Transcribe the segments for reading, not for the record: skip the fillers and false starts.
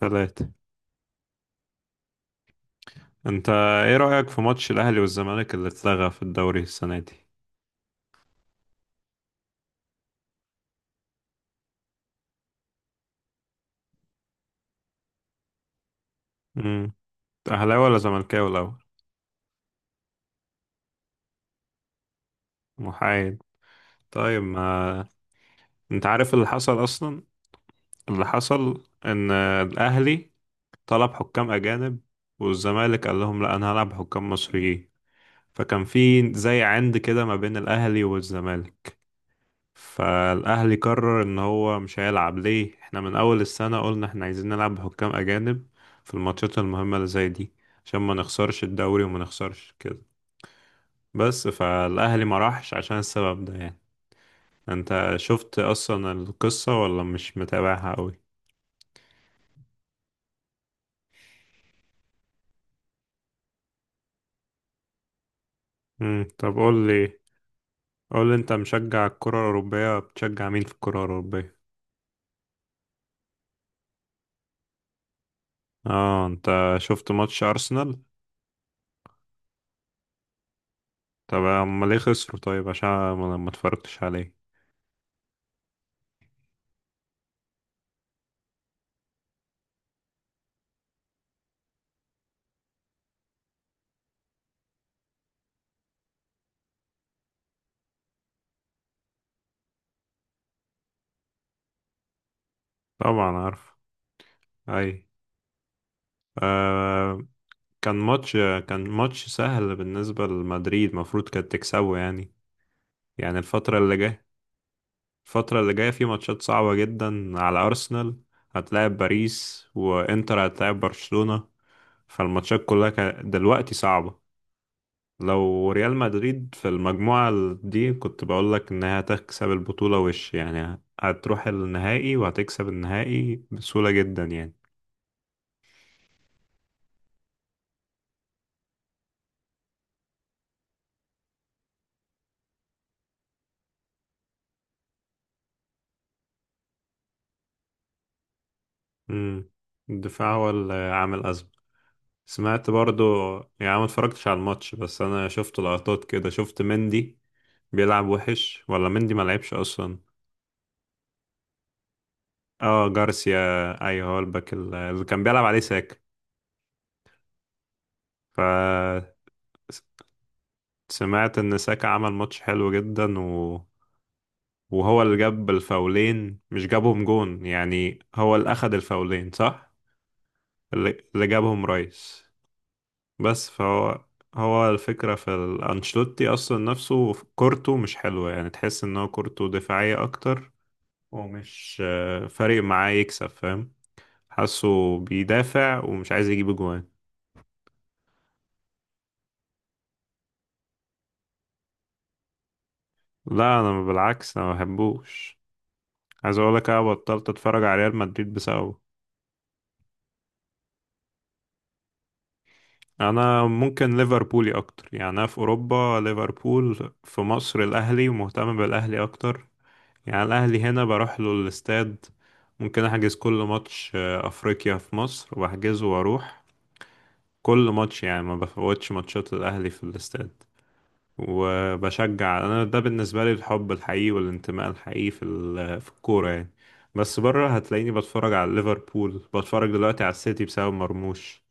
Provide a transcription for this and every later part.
ثلاثة. انت، ايه رأيك في ماتش الاهلي والزمالك اللي اتلغى في الدوري السنة دي؟ امم اهلاوي ولا زملكاوي الاول؟ محايد؟ طيب ما انت عارف اللي حصل اصلا؟ اللي حصل ان الاهلي طلب حكام اجانب، والزمالك قال لهم لا، انا هلعب حكام مصريين. فكان في زي عند كده ما بين الاهلي والزمالك. فالاهلي قرر ان هو مش هيلعب، ليه؟ احنا من اول السنة قلنا احنا عايزين نلعب بحكام اجانب في الماتشات المهمة اللي زي دي عشان ما نخسرش الدوري وما نخسرش كده. بس فالاهلي ما راحش عشان السبب ده يعني. انت شفت اصلا القصة ولا مش متابعها قوي؟ طب قول لي، انت مشجع الكرة الأوروبية، بتشجع مين في الكرة الأوروبية؟ اه، انت شفت ماتش أرسنال؟ طب امال ليه خسروا؟ طيب عشان ما اتفرجتش عليه؟ طبعا عارف. اي. آه. كان ماتش كان ماتش سهل بالنسبة لمدريد، المفروض كانت تكسبه يعني. يعني الفترة اللي جاية، في ماتشات صعبة جدا على أرسنال. هتلاعب باريس، وإنتر هتلاعب برشلونة. فالماتشات كلها دلوقتي صعبة. لو ريال مدريد في المجموعة دي، كنت بقولك إنها هتكسب البطولة وش يعني، هتروح النهائي وهتكسب النهائي بسهولة جدا يعني. مم. الدفاع هو اللي عامل أزمة. سمعت برضو. يعني ما اتفرجتش على الماتش، بس انا شفت لقطات كده، شفت مندي بيلعب وحش ولا مندي ما لعبش اصلا؟ اه، جارسيا. ايوه هو الباك اللي كان بيلعب عليه ساكا. ف س- سمعت ان ساكا عمل ماتش حلو جدا، و... وهو اللي جاب الفاولين مش جابهم جون، يعني هو اللي اخد الفاولين صح؟ اللي اللي جابهم رايس. بس هو الفكرة في أنشيلوتي أصلا، نفسه كورته مش حلوة يعني، تحس إن هو كورته دفاعية أكتر. ومش فارق معاه يكسب، فاهم؟ حاسه بيدافع ومش عايز يجيب أجوان. لا، أنا بالعكس، أنا ما بحبوش. عايز أقولك أنا بطلت أتفرج على ريال مدريد بسببه. أنا ممكن ليفربولي أكتر يعني. أنا في أوروبا ليفربول، في مصر الأهلي ومهتم بالأهلي أكتر. يعني الأهلي هنا بروح له الاستاد. ممكن أحجز كل ماتش أفريقيا في مصر وبحجزه وأروح. كل ماتش يعني، ما بفوتش ماتشات الأهلي في الاستاد. وبشجع أنا، ده بالنسبة لي الحب الحقيقي والانتماء الحقيقي في في الكورة يعني. بس بره هتلاقيني بتفرج على ليفربول، بتفرج دلوقتي على السيتي بسبب مرموش.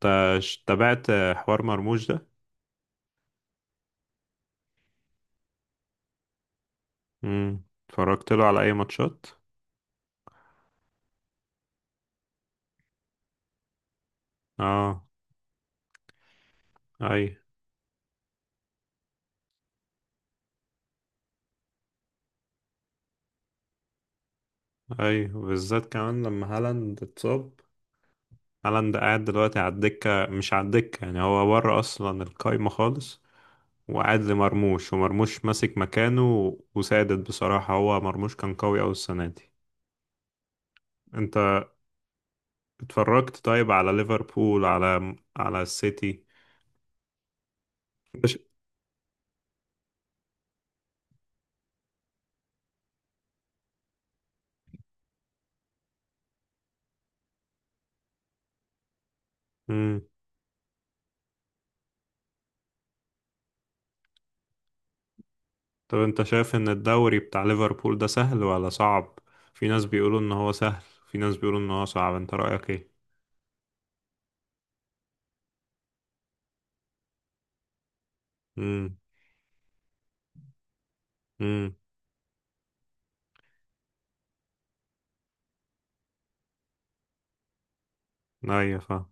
تابعت حوار مرموش ده؟ مم. اتفرجت له على أي ماتشات؟ اه. اي. اي، وبالذات كمان لما هالاند اتصاب. هالاند قاعد دلوقتي على الدكة، مش على الدكة، يعني هو بره أصلا القايمة خالص. وقاعد لمرموش، ومرموش ماسك مكانه وسادد بصراحة. هو مرموش كان قوي أوي السنة دي. أنت اتفرجت طيب على ليفربول، على السيتي؟ أنت ش... مم. طب أنت شايف إن الدوري بتاع ليفربول ده سهل ولا صعب؟ في ناس بيقولوا إن هو سهل، في ناس بيقولوا إن هو صعب، أنت رأيك إيه؟ امم امم أيوة فاهم.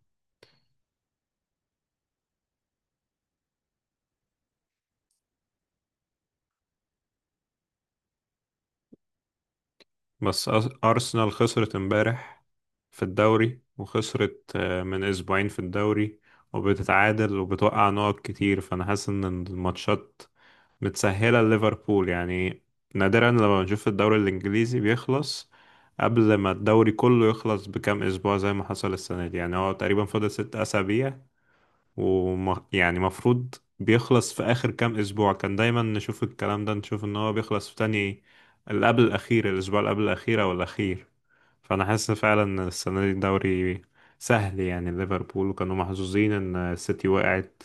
بس أرسنال خسرت امبارح في الدوري، وخسرت من أسبوعين في الدوري، وبتتعادل وبتوقع نقط كتير، فأنا حاسس إن الماتشات متسهلة لليفربول يعني. نادرا لما بنشوف الدوري الإنجليزي بيخلص قبل ما الدوري كله يخلص بكام أسبوع، زي ما حصل السنة دي. يعني هو تقريبا فاضل ست أسابيع. يعني مفروض بيخلص في آخر كام أسبوع، كان دايما نشوف الكلام ده، نشوف إن هو بيخلص في تاني اللي قبل الأخير، الأسبوع اللي قبل الأخير أو الأخير. فانا حاسس فعلا السنه دي الدوري سهل يعني ليفربول، وكانوا محظوظين ان السيتي وقعت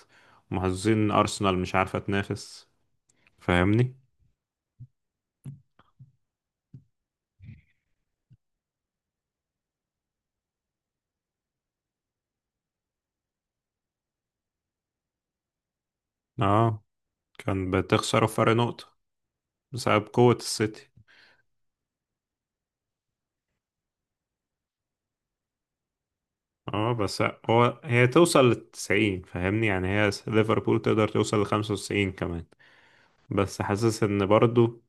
ومحظوظين ان ارسنال مش عارفه تنافس. فاهمني؟ اه، كان بتخسروا فرق نقطه بسبب قوه السيتي. اه بس هو، هي توصل للتسعين فاهمني يعني، ليفربول تقدر توصل لخمسة وتسعين كمان. بس حاسس ان برضو،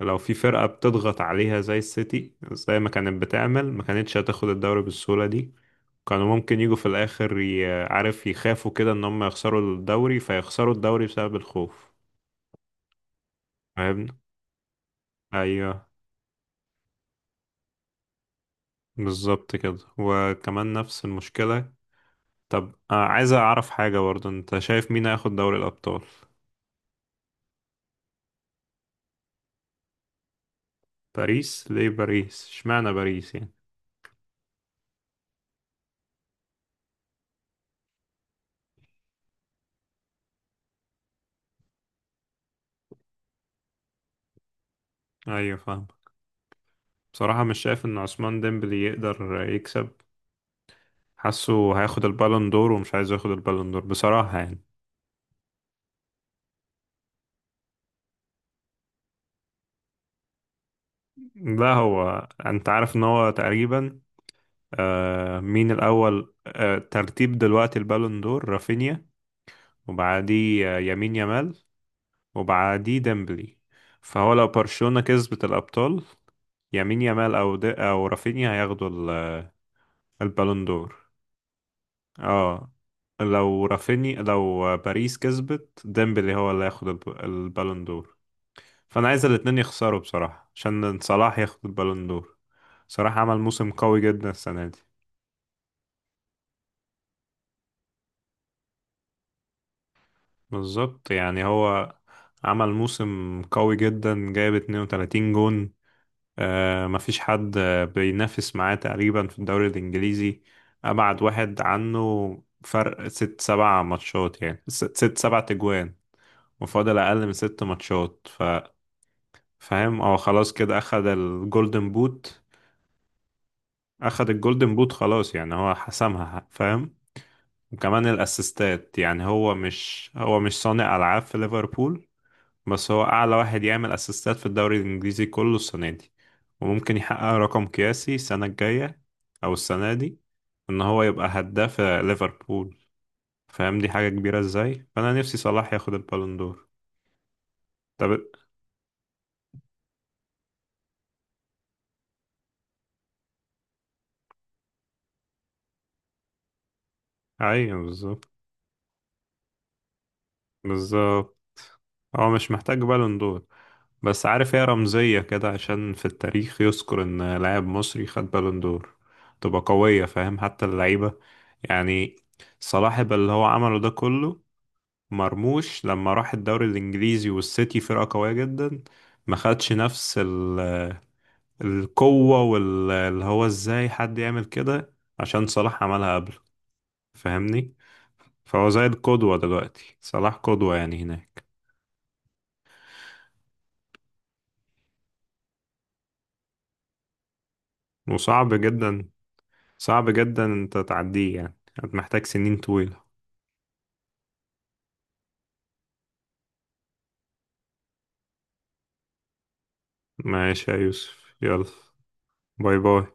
لو في فرقة بتضغط عليها زي السيتي زي ما كانت بتعمل، ما كانتش هتاخد الدوري بالسهولة دي. كانوا ممكن يجوا في الآخر عارف، يخافوا كده إن هم يخسروا الدوري فيخسروا الدوري بسبب الخوف. فاهمني؟ أيوه بالظبط كده، وكمان نفس المشكلة. طب عايز أعرف حاجة برضه، أنت شايف مين هياخد دوري الأبطال؟ باريس؟ ليه باريس؟ اشمعنى باريس يعني؟ أيوه فاهم. بصراحة مش شايف إن عثمان ديمبلي يقدر يكسب. حاسه هياخد البالون دور، ومش عايز ياخد البالون دور بصراحة يعني. لا، هو انت عارف ان هو تقريبا مين الأول، ترتيب دلوقتي البالون دور رافينيا، وبعديه يمين يامال، وبعديه ديمبلي. فهو لو برشلونة كسبت الأبطال، يمين يامال أو رافينيا هياخدوا البالون دور. اه، لو رافينيا، لو باريس كسبت ديمبلي هو اللي هياخد البالون دور. فأنا عايز الاتنين يخسروا بصراحة عشان صلاح ياخد البالون دور. صلاح عمل موسم قوي جدا السنة دي. بالظبط يعني هو عمل موسم قوي جدا، جايب 32 جون. آه مفيش حد بينافس معاه تقريبا في الدوري الإنجليزي. أبعد واحد عنه فرق ست سبع ماتشات، يعني ست سبع تجوان. وفاضل أقل من ست ماتشات. فاهم، هو خلاص كده أخد الجولدن بوت. أخد الجولدن بوت خلاص يعني هو حسمها، فاهم. وكمان الأسيستات يعني، هو مش صانع ألعاب في ليفربول، بس هو أعلى واحد يعمل أسيستات في الدوري الإنجليزي كله السنة دي. وممكن يحقق رقم قياسي السنة الجاية أو السنة دي، إن هو يبقى هداف ليفربول. فاهم دي حاجة كبيرة إزاي. فأنا نفسي صلاح ياخد البالون دور. طب. أيوة بالظبط. بالظبط هو مش محتاج بالون دور. بس عارف هي رمزية كده، عشان في التاريخ يذكر إن لاعب مصري خد بالون دور تبقى قوية، فاهم؟ حتى اللعيبة يعني، صلاح اللي هو عمله ده كله، مرموش لما راح الدوري الانجليزي والسيتي فرقة قوية جدا ما خدش نفس القوة، واللي هو ازاي حد يعمل كده عشان صلاح عملها قبل. فاهمني؟ فهو زي القدوة دلوقتي، صلاح قدوة يعني هناك. وصعب جدا. صعب جدا انت تعديه يعني، محتاج سنين طويلة. ماشي يا يوسف، يلا. باي باي.